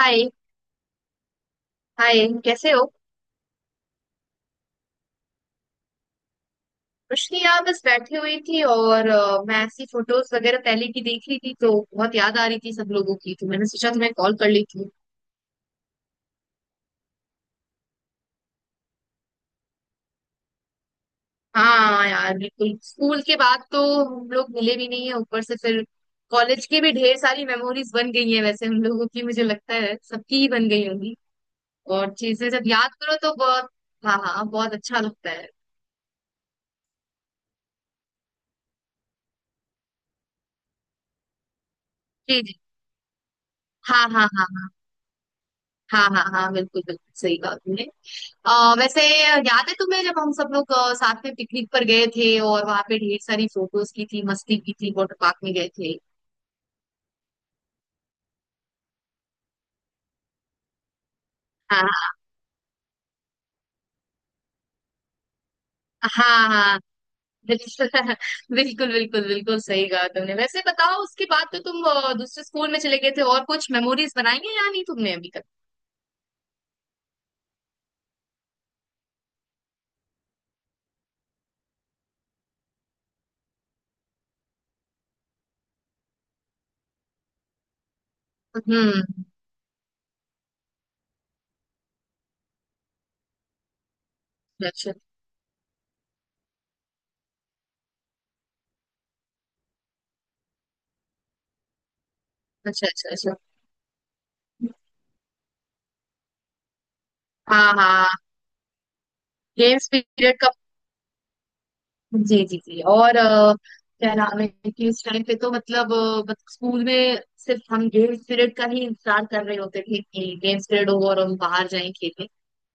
हाय। Hi कैसे हो। कुछ नहीं यार, बस बैठी हुई थी और मैं ऐसी फोटोज वगैरह पहले की देख रही थी तो बहुत याद आ रही थी सब लोगों की, तो मैंने सोचा तुम्हें कॉल कर लेती हूँ। हाँ यार, बिल्कुल स्कूल के बाद तो हम लोग मिले भी नहीं है। ऊपर से फिर कॉलेज की भी ढेर सारी मेमोरीज बन गई है, वैसे हम लोगों की। मुझे लगता है सबकी ही बन गई होंगी। और चीजें जब याद करो तो बहुत। हाँ हाँ, बहुत अच्छा लगता है। जी जी। हाँ हाँ हाँ हाँ, हाँ हाँ हाँ बिल्कुल बिल्कुल सही बात है। अ वैसे याद है तुम्हें जब हम सब लोग साथ में पिकनिक पर गए थे, और वहां पे ढेर सारी फोटोज की थी, मस्ती की थी, वाटर पार्क में गए थे। हाँ हाँ हाँ, बिल्कुल। बिल्कुल बिल्कुल बिल्कुल सही कहा तुमने। वैसे बताओ, उसके बाद तो तुम दूसरे स्कूल में चले गए थे, और कुछ मेमोरीज बनाई है या नहीं तुमने अभी तक। हम्म। अच्छा अच्छा अच्छा अच्छा, अच्छा। हाँ हाँ, गेम्स पीरियड का। जी जी जी। और क्या नाम है कि उस टाइम पे तो मतलब स्कूल में सिर्फ हम गेम्स पीरियड का ही इंतजार कर रहे होते थे कि गेम्स पीरियड हो और हम बाहर जाएं खेलने।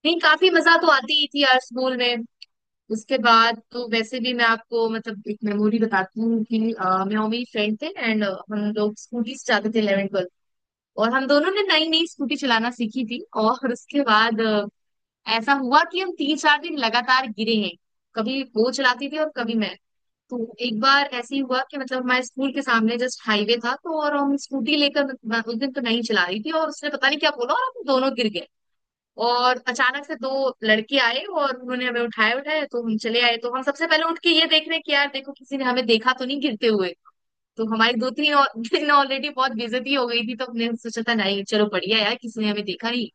नहीं, काफी मजा तो आती ही थी यार स्कूल में। उसके बाद तो वैसे भी, मैं आपको मतलब एक मेमोरी बताती हूँ कि मैं और मेरी फ्रेंड थे, एंड हम लोग स्कूटी से जाते थे इलेवन ट्वेल्थ। और हम दोनों ने नई नई स्कूटी चलाना सीखी थी, और उसके बाद ऐसा हुआ कि हम तीन चार दिन लगातार गिरे हैं। कभी वो चलाती थी और कभी मैं। तो एक बार ऐसे ही हुआ कि मतलब हमारे स्कूल के सामने जस्ट हाईवे था, तो और हम स्कूटी लेकर, मैं उस दिन तो नहीं चला रही थी, और उसने पता नहीं क्या बोला और हम दोनों गिर गए। और अचानक से दो लड़के आए और उन्होंने हमें उठाए उठाए, तो हम चले आए। तो हम सबसे पहले उठ के ये देख रहे कि यार देखो, किसी ने हमें देखा तो नहीं गिरते हुए। तो हमारी दो तीन और दिन ऑलरेडी बहुत बेइज्जती हो गई थी, तो हमने सोचा था नहीं चलो बढ़िया यार, किसी ने हमें देखा नहीं।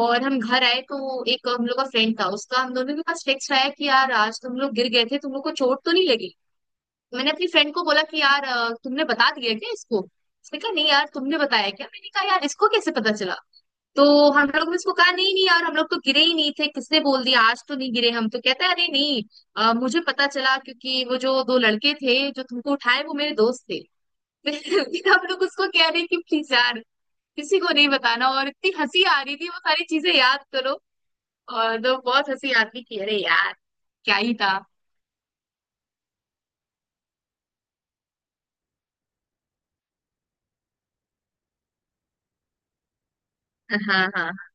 और हम घर आए तो एक हम लोग का फ्रेंड था, उसका हम दोनों के पास टेक्स्ट आया कि यार आज तुम लोग गिर गए थे, तुम लोग को चोट तो नहीं लगी। मैंने अपनी फ्रेंड को बोला कि यार तुमने बता दिया क्या इसको। उसने कहा नहीं यार, तुमने बताया क्या। मैंने कहा यार, इसको कैसे पता चला। तो हम लोग ने उसको कहा नहीं नहीं यार, हम लोग तो गिरे ही नहीं थे, किसने बोल दिया, आज तो नहीं गिरे हम। तो कहता है अरे नहीं, मुझे पता चला क्योंकि वो जो दो लड़के थे जो तुमको उठाए, वो मेरे दोस्त थे। फिर फिर हम लोग उसको कह रहे कि प्लीज यार, किसी को नहीं बताना। और इतनी हंसी आ रही थी वो सारी चीजें याद करो। और तो बहुत हंसी आती कि अरे यार, क्या ही था। हाँ हाँ हाँ,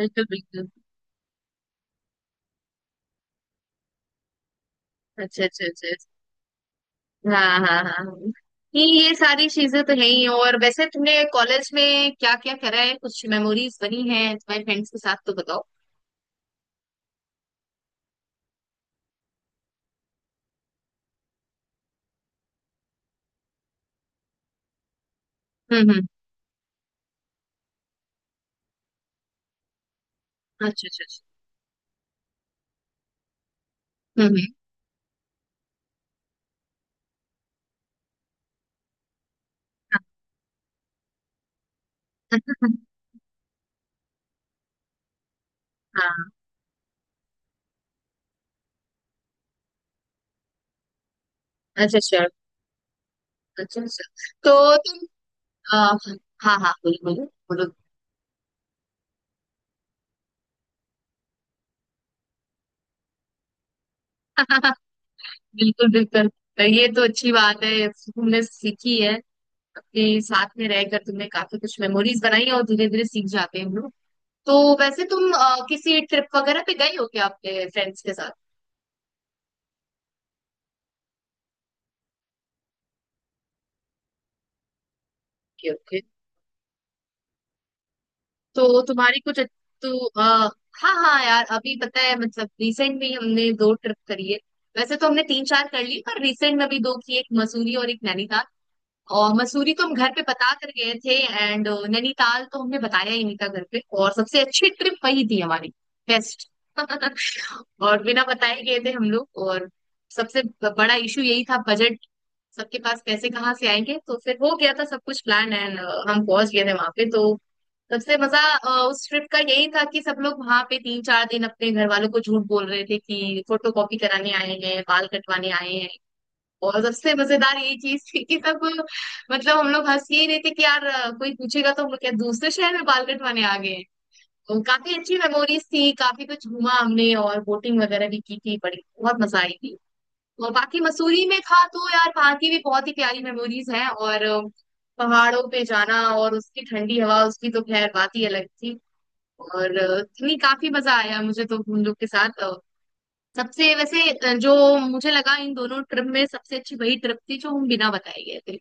बिल्कुल बिल्कुल। अच्छा अच्छा अच्छा। हाँ हाँ हाँ। ये सारी चीजें तो है ही। और वैसे तुमने कॉलेज में क्या क्या करा है, कुछ मेमोरीज बनी है तुम्हारे फ्रेंड्स के साथ, तो बताओ। हम्म। अच्छा अच्छा अच्छा। हम्म हम्म। हाँ हाँ, अच्छा अच्छा। अच्छा अच्छा। तो तुम आ, हाँ हाँ बोलो बोलो बोलो। बिल्कुल बिल्कुल। ये तो अच्छी बात है तुमने सीखी है। अपने साथ में रहकर तुमने काफी कुछ मेमोरीज बनाई, और धीरे धीरे सीख जाते हैं हम लोग। तो वैसे तुम किसी ट्रिप वगैरह पे गई हो क्या अपने फ्रेंड्स के साथ। Okay okay. तो तुम्हारी कुछ। तो हाँ हाँ यार, अभी पता है मतलब रिसेंट में ही हमने दो ट्रिप करी है। वैसे तो हमने तीन चार कर ली पर रिसेंट में भी दो की, एक मसूरी और एक नैनीताल। और मसूरी तो हम घर पे बता कर गए थे एंड नैनीताल तो हमने बताया ही नहीं था घर पे, और सबसे अच्छी ट्रिप वही थी हमारी। बेस्ट। और बिना बताए गए थे हम लोग। और सबसे बड़ा इशू यही था, बजट। सबके पास पैसे कहाँ से आएंगे। तो फिर हो गया था सब कुछ प्लान, एंड हम पहुंच गए थे वहां पे। तो सबसे मजा उस ट्रिप का यही था कि सब लोग वहां पे तीन चार दिन अपने घर वालों को झूठ बोल रहे थे कि फोटो कॉपी कराने आए हैं, बाल कटवाने आए हैं। और सबसे मजेदार यही चीज थी कि सब, मतलब हम लोग हंस ही रहे थे कि यार कोई पूछेगा तो हम लोग क्या दूसरे शहर में बाल कटवाने आ गए हैं। तो काफी अच्छी मेमोरीज थी, काफी कुछ घूमा हमने और बोटिंग वगैरह भी की थी, बड़ी बहुत मजा आई थी। और बाकी मसूरी में था तो यार, वहाँ की भी बहुत ही प्यारी मेमोरीज हैं। और पहाड़ों पे जाना और उसकी ठंडी हवा, उसकी तो खैर बात ही अलग थी। और नहीं काफी मजा आया मुझे तो उन लोग के साथ। जो मुझे लगा इन दोनों ट्रिप में, सबसे अच्छी वही ट्रिप थी जो हम बिना बताए गए थे।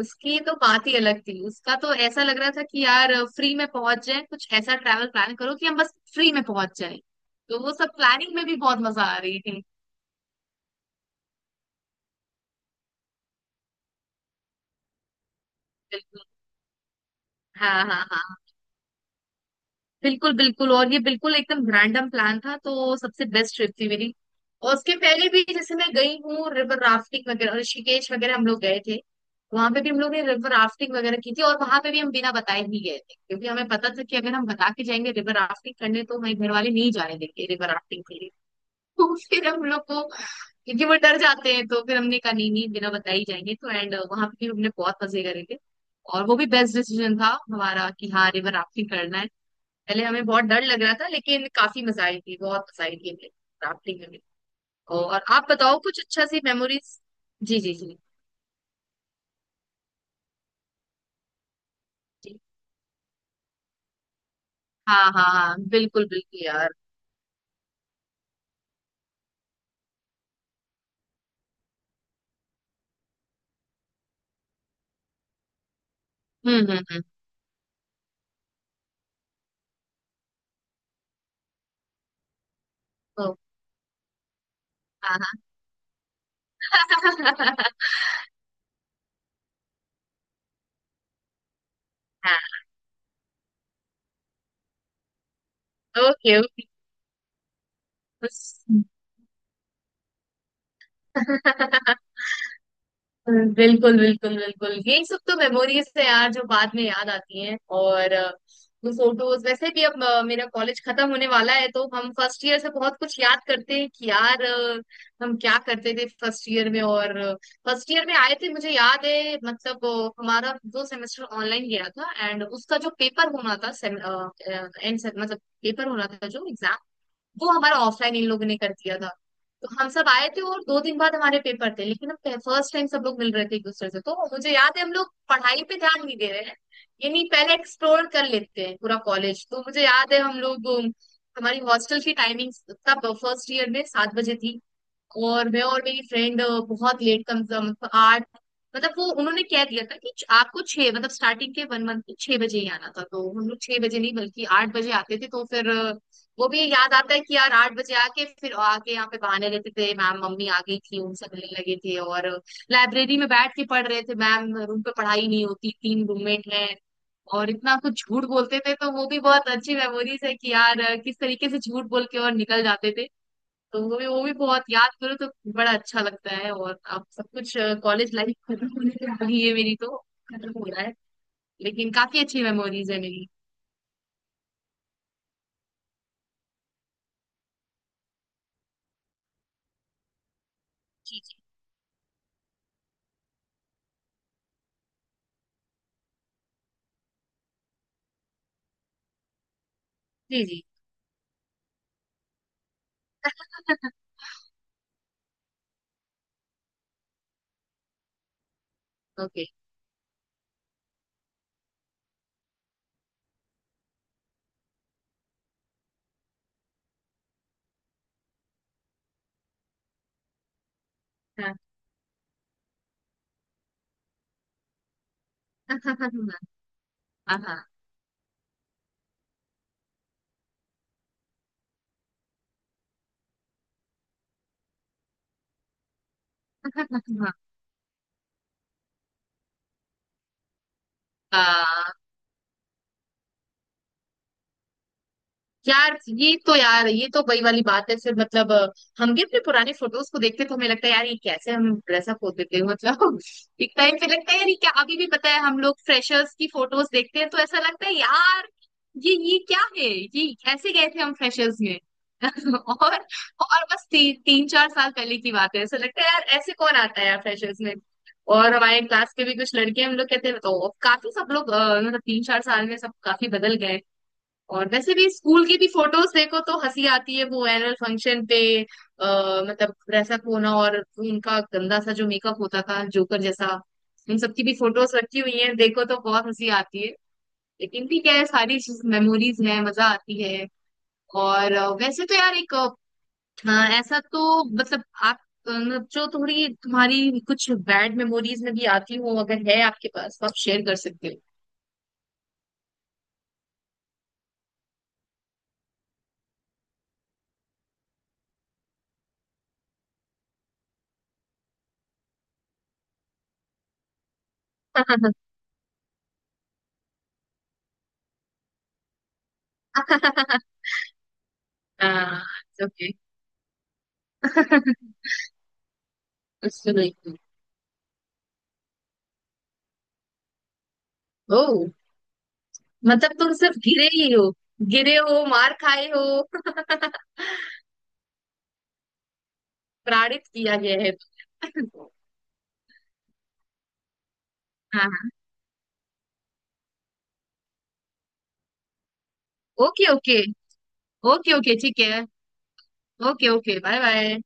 उसकी तो बात ही अलग थी, उसका तो ऐसा लग रहा था कि यार फ्री में पहुंच जाए, कुछ ऐसा ट्रैवल प्लान करो कि हम बस फ्री में पहुंच जाए। तो वो सब प्लानिंग में भी बहुत मजा आ रही थी। बिल्कुल। हाँ हाँ हाँ, बिल्कुल बिल्कुल। और ये बिल्कुल एकदम रैंडम प्लान था तो सबसे बेस्ट ट्रिप थी मेरी। और उसके पहले भी जैसे मैं गई हूँ रिवर राफ्टिंग वगैरह ऋषिकेश वगैरह हम लोग गए थे। वहां पे भी हम लोग ने रिवर राफ्टिंग वगैरह की थी, और वहां पे भी हम बिना बताए ही गए थे क्योंकि हमें पता था कि अगर हम बता के जाएंगे रिवर राफ्टिंग करने तो हमारे घर वाले नहीं जाने देंगे रिवर राफ्टिंग के लिए। तो फिर हम लोग को, क्योंकि वो डर जाते हैं, तो फिर हमने कहा नहीं नहीं बिना बताए ही जाएंगे, तो एंड वहां पे भी हमने बहुत मजे करे थे। और वो भी बेस्ट डिसीजन था हमारा कि हाँ रिवर राफ्टिंग करना है। पहले हमें बहुत डर लग रहा था लेकिन काफी मजा आई थी, बहुत मजा आई थी हमें राफ्टिंग में भी। और आप बताओ कुछ अच्छा सी मेमोरीज। जी जी जी जी। हाँ हाँ हाँ, बिल्कुल बिल्कुल यार। हम्म। ओ। हाँ हाँ। हाँ। Okay okay. बिल्कुल बिल्कुल बिल्कुल, यही सब तो मेमोरीज है यार जो बाद में याद आती हैं। और वो फोटोज वैसे भी अब, मेरा कॉलेज खत्म होने वाला है, तो हम फर्स्ट ईयर से बहुत कुछ याद करते हैं कि यार हम क्या करते थे फर्स्ट ईयर में। और फर्स्ट ईयर में आए थे, मुझे याद है मतलब हमारा दो सेमेस्टर ऑनलाइन गया था, एंड उसका जो पेपर होना था, एंड मतलब पेपर होना था जो एग्जाम, वो हमारा ऑफलाइन इन लोगों ने कर दिया था। तो हम सब आए थे और दो दिन बाद हमारे पेपर थे, लेकिन हम फर्स्ट टाइम सब लोग मिल रहे थे एक दूसरे से, तो मुझे याद है हम लोग पढ़ाई पे ध्यान नहीं दे रहे हैं। ये नहीं, पहले एक्सप्लोर कर लेते हैं पूरा कॉलेज, तो मुझे याद है हम लोग, हमारी हॉस्टल की टाइमिंग तब फर्स्ट ईयर में सात बजे थी। और मैं और मेरी फ्रेंड बहुत लेट कम, मतलब आठ, मतलब वो उन्होंने कह दिया था कि आपको छह, मतलब स्टार्टिंग के वन मंथ में छह बजे ही आना था। तो हम लोग छह बजे नहीं बल्कि आठ बजे आते थे, तो फिर वो भी याद आता है कि यार आठ बजे आके फिर आके यहाँ पे बहाने लेते थे, मैम मम्मी आ गई थी, उनसे मिलने लगे थे, और लाइब्रेरी में बैठ के पढ़ रहे थे मैम, रूम पे पढ़ाई नहीं होती, तीन रूममेट हैं। और इतना कुछ झूठ बोलते थे, तो वो भी बहुत अच्छी मेमोरीज है कि यार किस तरीके से झूठ बोल के और निकल जाते थे। तो वो भी बहुत याद करो तो बड़ा अच्छा लगता है, और अब सब कुछ कॉलेज लाइफ खत्म होने को, अभी ये मेरी तो खत्म हो रहा है। लेकिन काफी अच्छी मेमोरीज है मेरी। जी जी जी जी। ओके। हाँ हाँ हाँ हाँ हाँ हाँ हाँ। हाँ यार, ये तो यार ये तो वही वाली बात है फिर मतलब हम भी अपने पुराने फोटोज को देखते हैं तो हमें लगता है यार ये कैसे हम ड्रेसअप होते थे, मतलब एक टाइम पे लगता है यार, ये क्या। अभी भी पता है हम लोग फ्रेशर्स की फोटोज देखते हैं तो ऐसा लगता है यार ये क्या है, ये ऐसे गए थे हम फ्रेशर्स में। और और बस तीन चार साल पहले की बात है, ऐसा लगता है यार ऐसे कौन आता है यार फ्रेशर्स में। और हमारे क्लास के भी कुछ लड़के हम लोग कहते हैं तो, काफी सब लोग मतलब तीन चार साल में सब काफी बदल गए। और वैसे भी स्कूल की भी फोटोज देखो तो हंसी आती है, वो एनुअल फंक्शन पे मतलब ड्रेसअप होना और उनका गंदा सा जो मेकअप होता था जोकर जैसा, उन सबकी भी फोटोज रखी हुई है, देखो तो बहुत हंसी आती है। लेकिन ठीक है, सारी मेमोरीज हैं, मजा आती है। और वैसे तो यार एक ऐसा तो मतलब आप अ, जो थोड़ी तुम्हारी कुछ बैड मेमोरीज में भी आती हो, अगर है आपके पास तो आप शेयर कर सकते हो। हाँ ओके। बिल्कुल। ओ, मतलब तुम सिर्फ गिरे ही हो, गिरे हो मार खाए हो, प्राणित किया गया है। हाँ हाँ। Okay okay. ओके ओके ठीक है। Okay okay bye bye.